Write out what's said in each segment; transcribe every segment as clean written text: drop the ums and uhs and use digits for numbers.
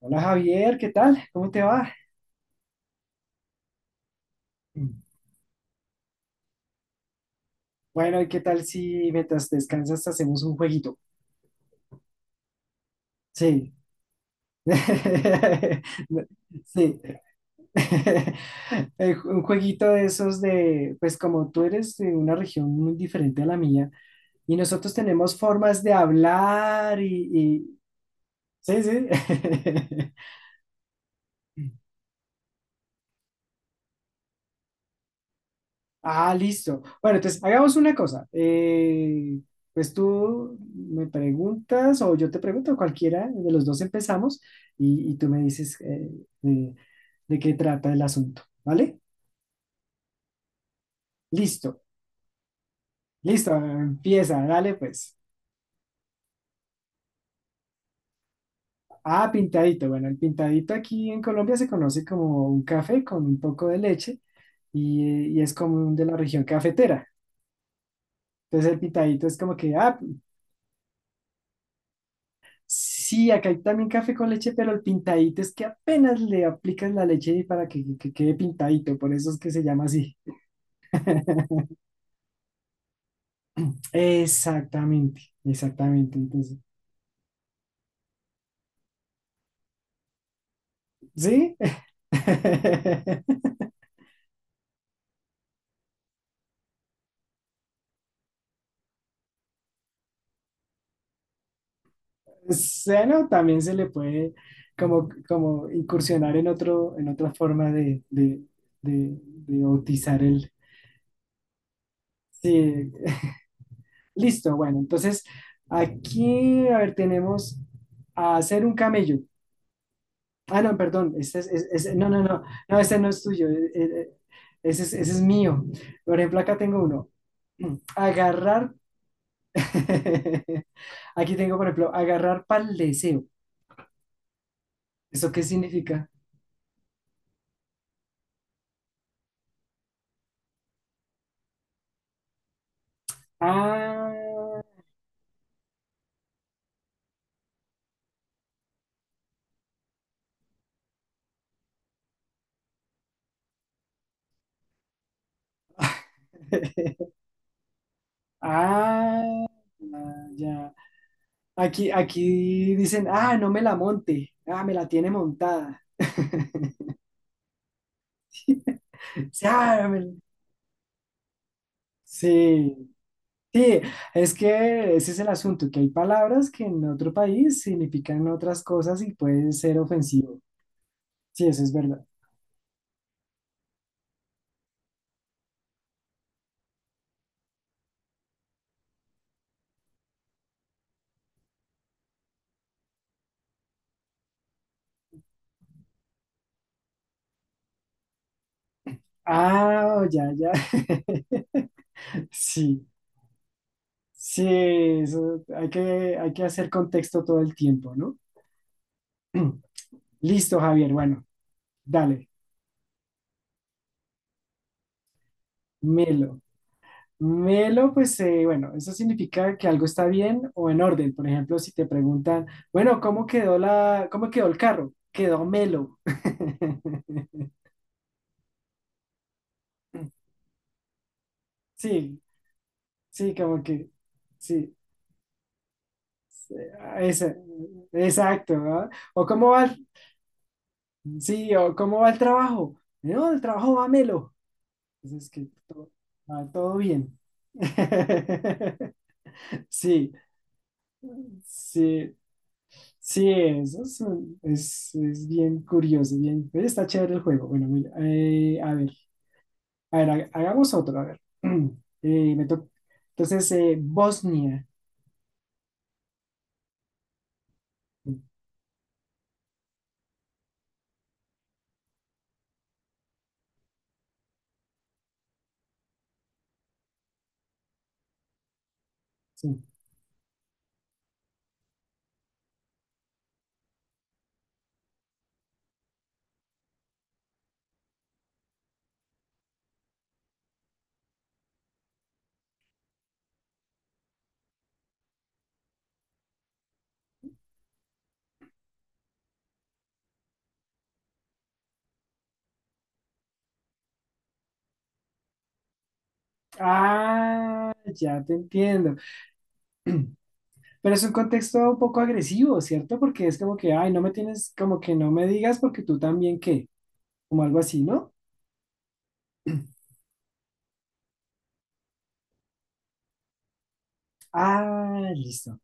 Hola Javier, ¿qué tal? ¿Cómo te va? Bueno, ¿y qué tal si mientras descansas hacemos un jueguito? Sí. Sí. Un jueguito de esos de, pues como tú eres de una región muy diferente a la mía y nosotros tenemos formas de hablar y Sí, sí. Ah, listo. Bueno, entonces hagamos una cosa. Pues tú me preguntas o yo te pregunto, cualquiera de los dos empezamos y tú me dices de, de qué trata el asunto, ¿vale? Listo, listo, empieza, dale pues. Ah, pintadito. Bueno, el pintadito aquí en Colombia se conoce como un café con un poco de leche y es común de la región cafetera. Entonces el pintadito es como que, ah. Sí, acá hay también café con leche, pero el pintadito es que apenas le aplicas la leche y para que quede pintadito, por eso es que se llama así. Exactamente, exactamente. Entonces, ¿sí? Seno también se le puede como, como incursionar en otro, en otra forma de bautizar el. Sí. Listo, bueno, entonces aquí, a ver, tenemos a hacer un camello. Ah, no, perdón, este es, no, no, no, no, este no es tuyo, ese es mío. Por ejemplo, acá tengo uno. Agarrar, aquí tengo, por ejemplo, agarrar pal deseo. ¿Eso qué significa? Ah, ah, ya. Aquí, aquí dicen, ah, no me la monte, ah, me la tiene montada. Sí, ah. Sí. Sí, es que ese es el asunto, que hay palabras que en otro país significan otras cosas y pueden ser ofensivo. Sí, eso es verdad. Ah, ya, ya. Sí, sí, eso hay que hacer contexto todo el tiempo, ¿no? Listo, Javier, bueno, dale, melo. Melo, pues bueno, eso significa que algo está bien o en orden. Por ejemplo, si te preguntan, bueno, ¿cómo quedó la, cómo quedó el carro? Quedó melo. Sí, sí, como que, sí, esa- exacto, ¿ah? O cómo va el, sí, o cómo va el trabajo. No, el trabajo va melo. Entonces, que todo, va todo bien. Sí, sí, sí, eso es, es bien curioso, bien, está chévere el juego. Bueno, mira, a ver, a ver, hagamos otro, a ver. Eh, me to- Entonces, Bosnia. Sí. Ah, ya te entiendo. Pero es un contexto un poco agresivo, ¿cierto? Porque es como que, ay, no me tienes, como que no me digas porque tú también qué, como algo así, ¿no? Ah, listo.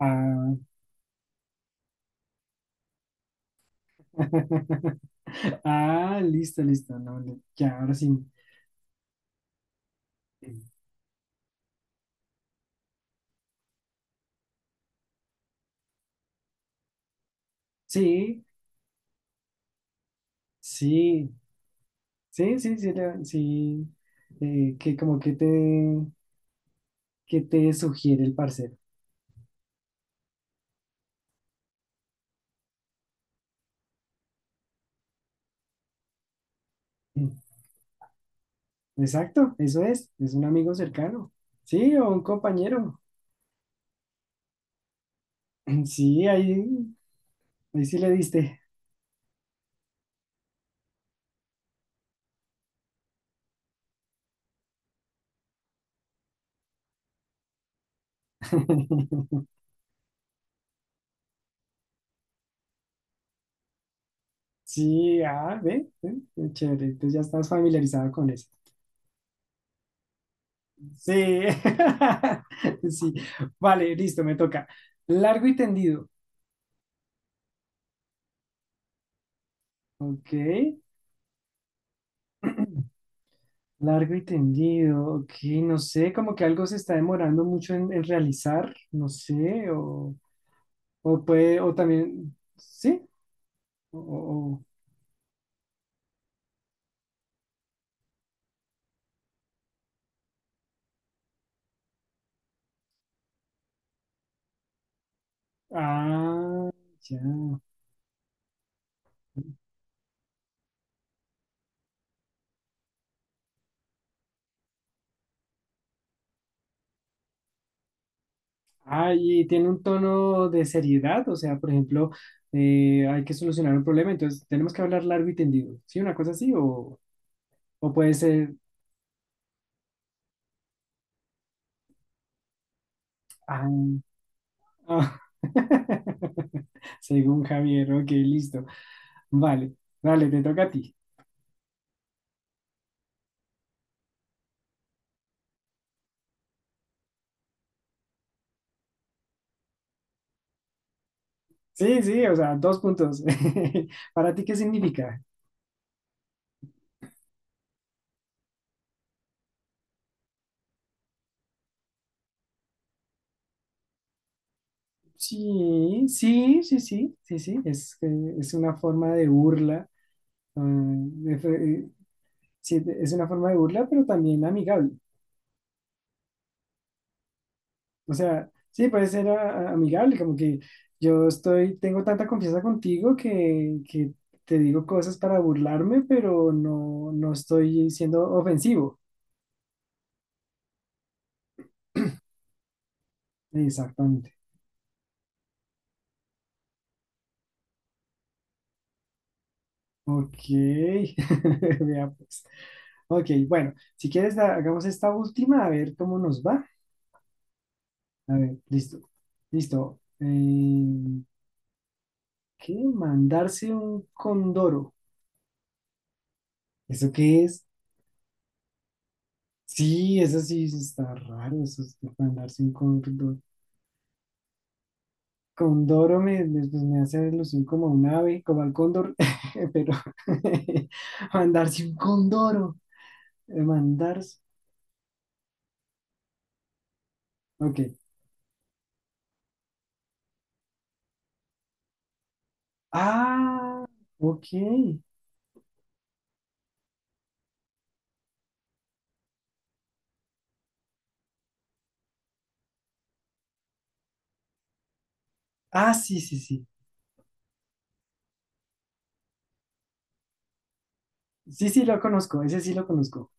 Ah, ah, listo, listo. No, no, ya, ahora sí. Sí, sí, sí, sí, sí, sí. Eh, que como que te, que te sugiere el parcero. Mm, exacto, eso es un amigo cercano. Sí, o un compañero. Sí, ahí, ahí sí le diste. Sí, ah, ve, ve, qué chévere, entonces ya estás familiarizado con eso. Sí, sí, vale, listo, me toca. Largo y tendido, ok, largo y tendido, ok, no sé, como que algo se está demorando mucho en realizar, no sé, o puede, o también, sí, o. ah, ya. Ah, y tiene un tono de seriedad, o sea, por ejemplo, hay que solucionar un problema, entonces tenemos que hablar largo y tendido, ¿sí? Una cosa así, o puede ser, ah, ah. Según Javier, ok, listo, vale, vale, te toca a ti. Sí, sí, o sea, dos puntos. ¿Para ti qué significa? Sí, sí, sí, sí, sí, sí, es una forma de burla, ah, de- eh, sí, es una forma de burla, pero también amigable. O sea, sí, puede ser amigable, como que yo estoy, tengo tanta confianza contigo que te digo cosas para burlarme, pero no, no estoy siendo ofensivo. Exactamente. Ok. Vea pues. Ok, bueno, si quieres hagamos esta última a ver cómo nos va. A ver, listo. Listo. ¿Qué? Mandarse un condoro. ¿Eso qué es? Sí, eso sí está raro, eso es mandarse un condoro. Condoro, pues me hace alusión como a un ave, como al cóndor, pero mandarse un condoro, mandarse, ok. Ah, ok. Ah, sí, sí, sí. Sí, sí, lo conozco, ese sí lo conozco.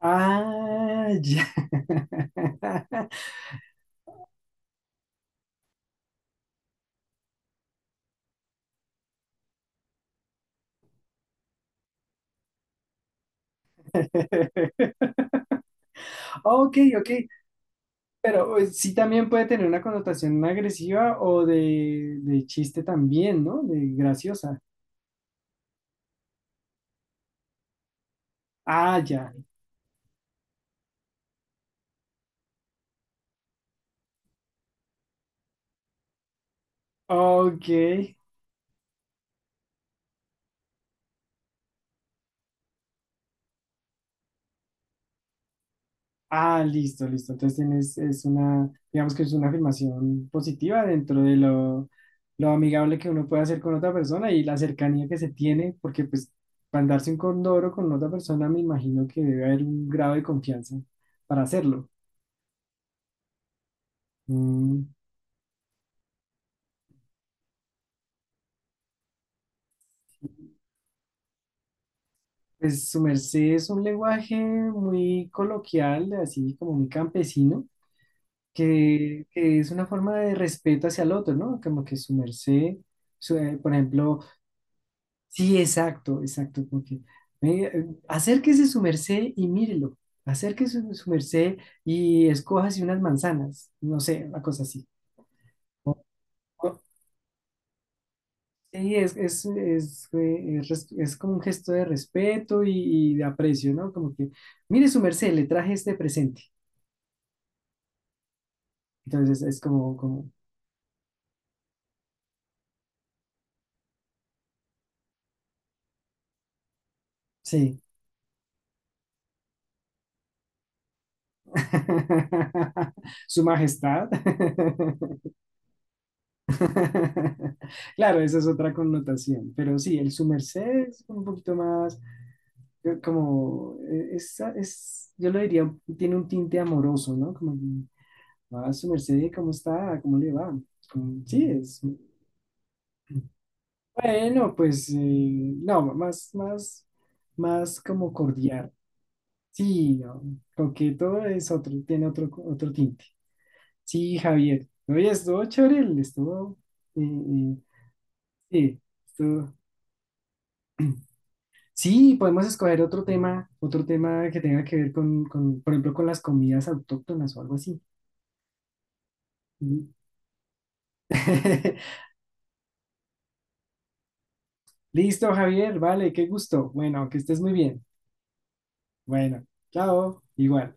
Ah, ya. Ok, ok, pero sí también puede tener una connotación agresiva o de chiste también, ¿no? De graciosa. Ah, ya. Ok. Ah, listo, listo. Entonces tienes, es una, digamos que es una afirmación positiva dentro de lo amigable que uno puede hacer con otra persona y la cercanía que se tiene, porque pues para andarse un condoro con otra persona me imagino que debe haber un grado de confianza para hacerlo. Mm, pues su merced es un lenguaje muy coloquial, así como muy campesino, que es una forma de respeto hacia el otro, ¿no? Como que su merced, por ejemplo... Sí, exacto, exacto, porque venga, acérquese su merced y mírelo, acérquese su, su merced y escójase unas manzanas, no sé, una cosa así. O- o- Sí, es, es como un gesto de respeto y de aprecio, ¿no? Como que, mire su merced, le traje este presente. Entonces es como, como, sí. Su majestad. Claro, esa es otra connotación, pero sí, el su merced es un poquito más yo como, es, yo lo diría, tiene un tinte amoroso, ¿no? Como, a su merced, ¿cómo está? ¿Cómo le va? Como, sí, es, bueno, pues, no, más, más, más como cordial. Sí, no, coqueto es otro, tiene otro, otro tinte. Sí, Javier, oye, estuvo chévere, estuvo, eh, eh, sí, estuvo- Sí, podemos escoger otro tema que tenga que ver con, por ejemplo, con las comidas autóctonas o algo así. Mm. Listo, Javier, vale, qué gusto. Bueno, que estés muy bien. Bueno, chao, igual.